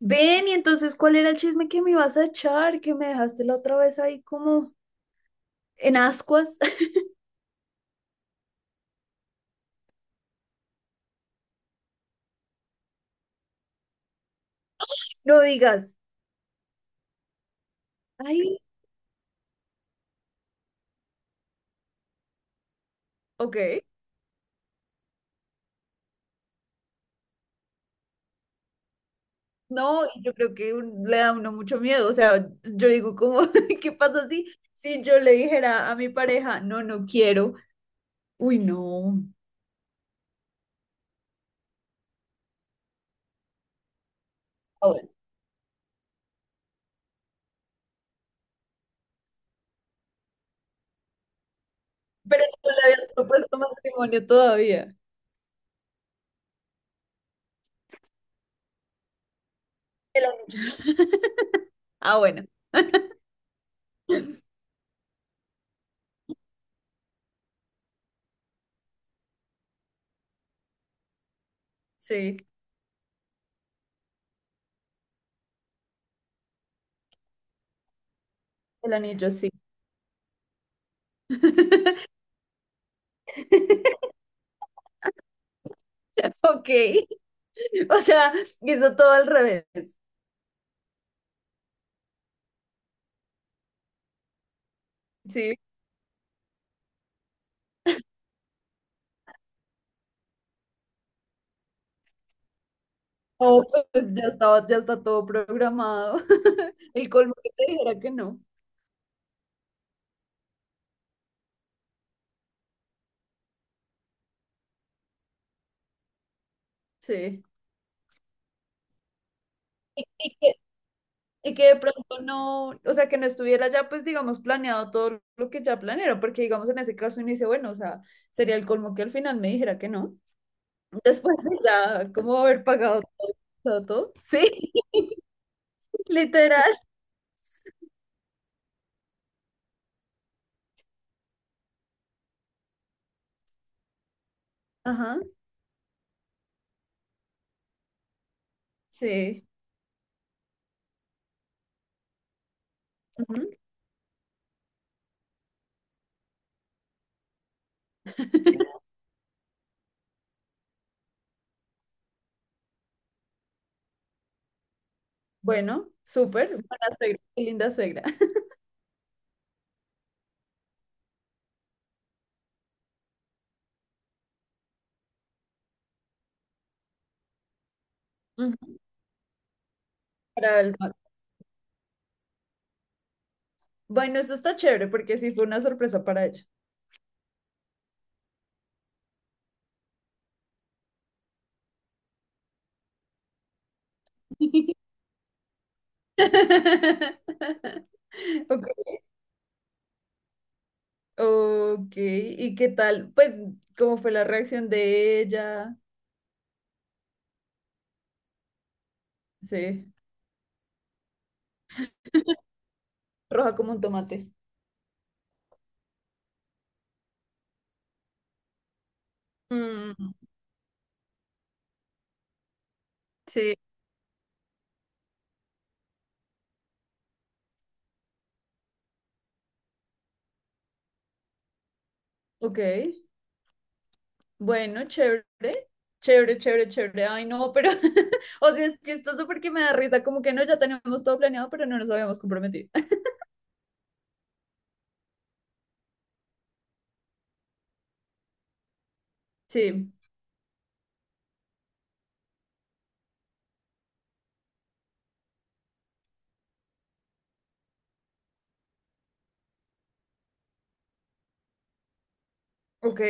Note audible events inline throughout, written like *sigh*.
Ven, y entonces, ¿cuál era el chisme que me ibas a echar? Que me dejaste la otra vez ahí como en ascuas. *laughs* No digas, ay, ok. No, y yo creo que le da a uno mucho miedo. O sea, yo digo, como, *laughs* ¿qué pasa si yo le dijera a mi pareja, no, no quiero? Uy, no. Ah, bueno. Pero no le habías propuesto matrimonio todavía. El anillo. *laughs* Ah, bueno, sí, el anillo, sí. *laughs* Ok. O sea, hizo todo al revés. Sí. No, pues ya estaba, ya está todo programado. *laughs* El colmo que te dijera que no. Sí. Y, y que, y que de pronto no, o sea, que no estuviera ya, pues, digamos, planeado todo lo que ya planearon, porque, digamos, en ese caso uno dice, bueno, o sea, sería el colmo que al final me dijera que no. Después de ya, ¿cómo haber pagado todo? Todo, todo. Sí, *laughs* literal. Ajá, sí. Ujú. Bueno, súper. Buena suegra, qué linda suegra. *laughs* Ujú. Para el Bueno, eso está chévere porque sí fue una sorpresa para ella. *laughs* Ok, ok. ¿Y qué tal? Pues, ¿cómo fue la reacción de ella? Sí, roja como un tomate. Mm, sí. Ok, bueno, chévere, chévere, chévere, chévere. Ay, no, pero, *laughs* o sea, es chistoso porque me da risa, como que no, ya teníamos todo planeado, pero no nos habíamos comprometido. *laughs* Sí, ok,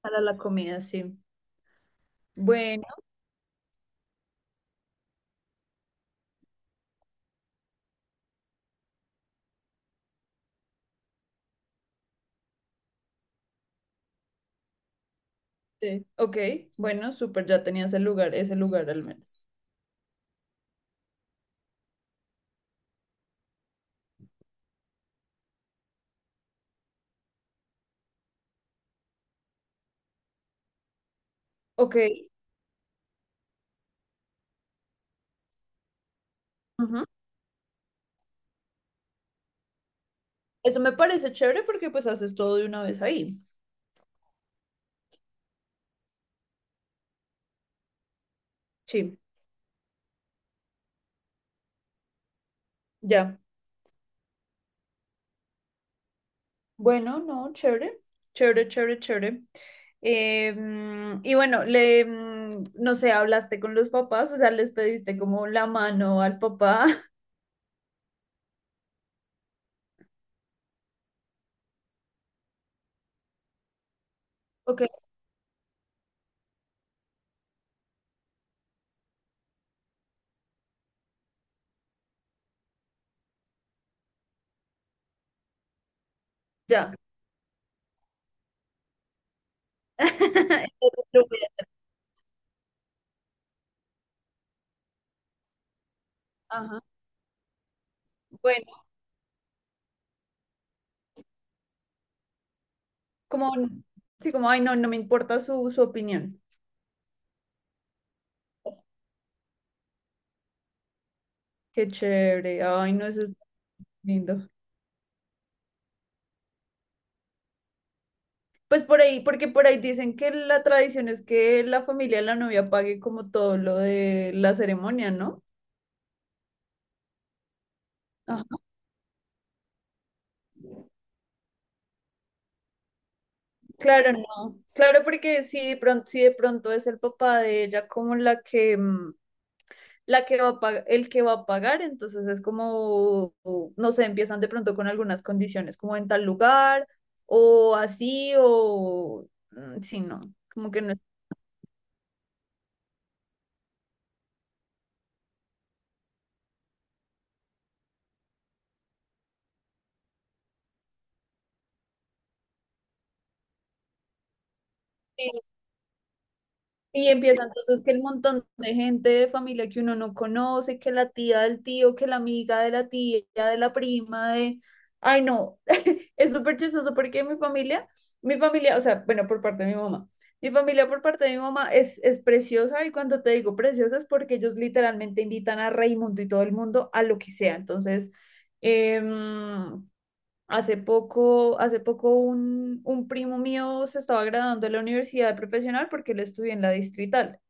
para la comida, sí. Bueno. Sí. Ok, bueno, súper, ya tenías el lugar, ese lugar al menos. Ok, ujú. Eso me parece chévere porque pues haces todo de una vez ahí. Sí, ya. Bueno, no, chévere, chévere, chévere, chévere. Y bueno, no sé, hablaste con los papás, o sea, les pediste como la mano al papá. *laughs* Ok, ya. *laughs* Entonces lo voy a hacer. Ajá. Bueno, como, sí, como, ay, no, no me importa su opinión. Qué chévere, ay, no, eso es lindo. Pues por ahí, porque por ahí dicen que la tradición es que la familia de la novia pague como todo lo de la ceremonia, ¿no? Ajá. Claro, no. Claro, porque si de pronto, es el papá de ella como la que, mm, la que va a pag- el que va a pagar, entonces es como, no sé, empiezan de pronto con algunas condiciones, como en tal lugar, o así, o sí, no, como que no es. Y empieza entonces que el montón de gente de familia que uno no conoce, que la tía del tío, que la amiga de la tía, de la prima, de... Ay, no, *laughs* es súper chistoso porque mi familia, o sea, bueno, por parte de mi mamá, mi familia por parte de mi mamá es preciosa, y cuando te digo preciosa es porque ellos literalmente invitan a Raimundo y todo el mundo a lo que sea. Entonces, em, hace poco un primo mío se estaba graduando de la universidad profesional porque él estudió en la Distrital.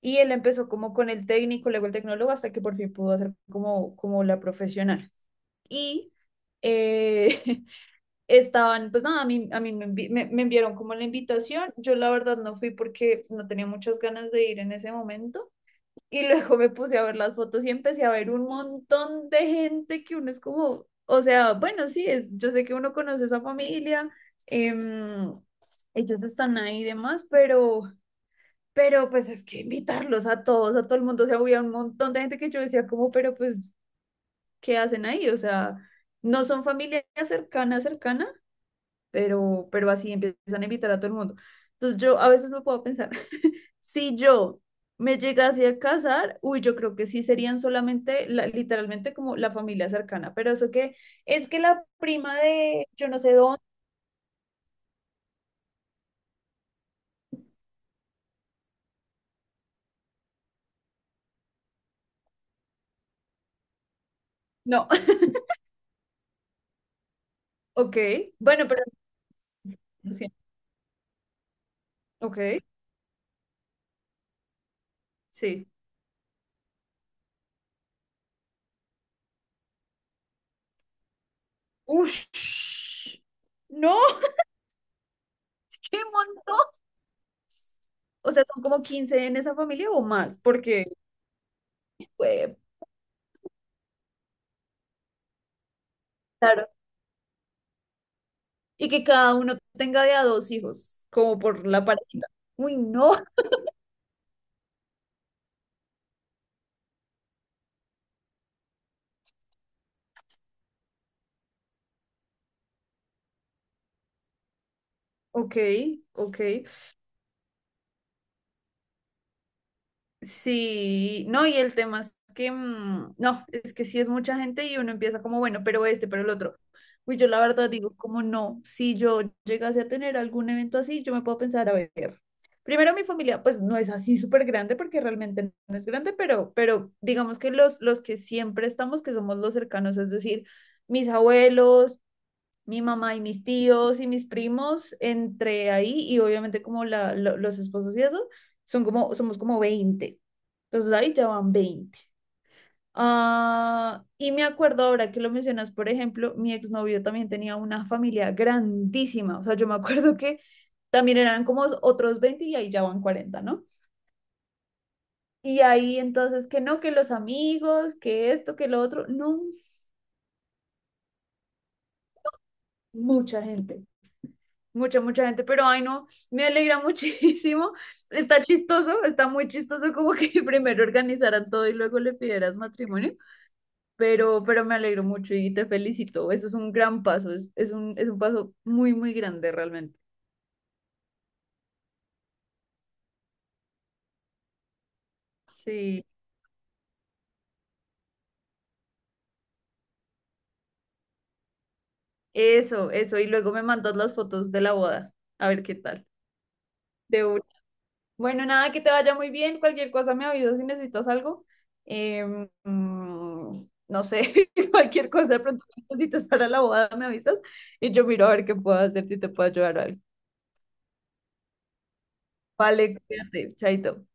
Y él empezó como con el técnico, luego el tecnólogo, hasta que por fin pudo hacer como, como la profesional. Y eh, *laughs* estaban, pues nada, a mí me enviaron como la invitación. Yo la verdad no fui porque no tenía muchas ganas de ir en ese momento. Y luego me puse a ver las fotos y empecé a ver un montón de gente que uno es como, o sea, bueno, sí, es, yo sé que uno conoce esa familia, em, ellos están ahí y demás, pero pues es que invitarlos a todos, a todo el mundo, o sea, había un montón de gente que yo decía como, pero pues, ¿qué hacen ahí? O sea, no son familia cercana, cercana, pero así empiezan a invitar a todo el mundo. Entonces yo a veces me puedo pensar, *laughs* si yo me llegase a casar, uy, yo creo que sí serían solamente, literalmente como la familia cercana, pero eso que es que la prima de yo no sé dónde, no. *laughs* Ok, bueno, pero, ok, sí. Ush. No, ¡qué montón! O sea, son como 15 en esa familia o más, porque, fue claro, y que cada uno tenga de a dos hijos, como por la parejita. Uy, no, ok, ok. Sí, no, y el tema es que, mm, no, es que sí es mucha gente y uno empieza como, bueno, pero este, pero el otro. Pues yo la verdad digo, como no, si yo llegase a tener algún evento así, yo me puedo pensar, a ver, primero mi familia, pues no es así súper grande porque realmente no es grande, pero digamos que los que siempre estamos, que somos los cercanos, es decir, mis abuelos, mi mamá y mis tíos y mis primos, entre ahí, y obviamente como la, los esposos y eso, somos como 20. Entonces ahí ya van 20. Ah, y me acuerdo ahora que lo mencionas, por ejemplo, mi exnovio también tenía una familia grandísima. O sea, yo me acuerdo que también eran como otros 20 y ahí ya van 40, ¿no? Y ahí entonces que no, que los amigos, que esto, que lo otro, no, mucha gente. Mucha, mucha gente, pero ay no, me alegra *laughs* muchísimo. Está chistoso, está muy chistoso como que *laughs* primero organizaran todo y luego le pidieras matrimonio, pero me alegro mucho y te felicito. Eso es un gran paso, es un paso muy, muy grande realmente. Sí, eso, eso. Y luego me mandas las fotos de la boda, a ver qué tal. De una. Bueno, nada, que te vaya muy bien. Cualquier cosa me avisas si necesitas algo. No sé, *laughs* cualquier cosa de pronto que necesites para la boda me avisas y yo miro a ver qué puedo hacer si te puedo ayudar o algo. Vale, cuídate, chaito.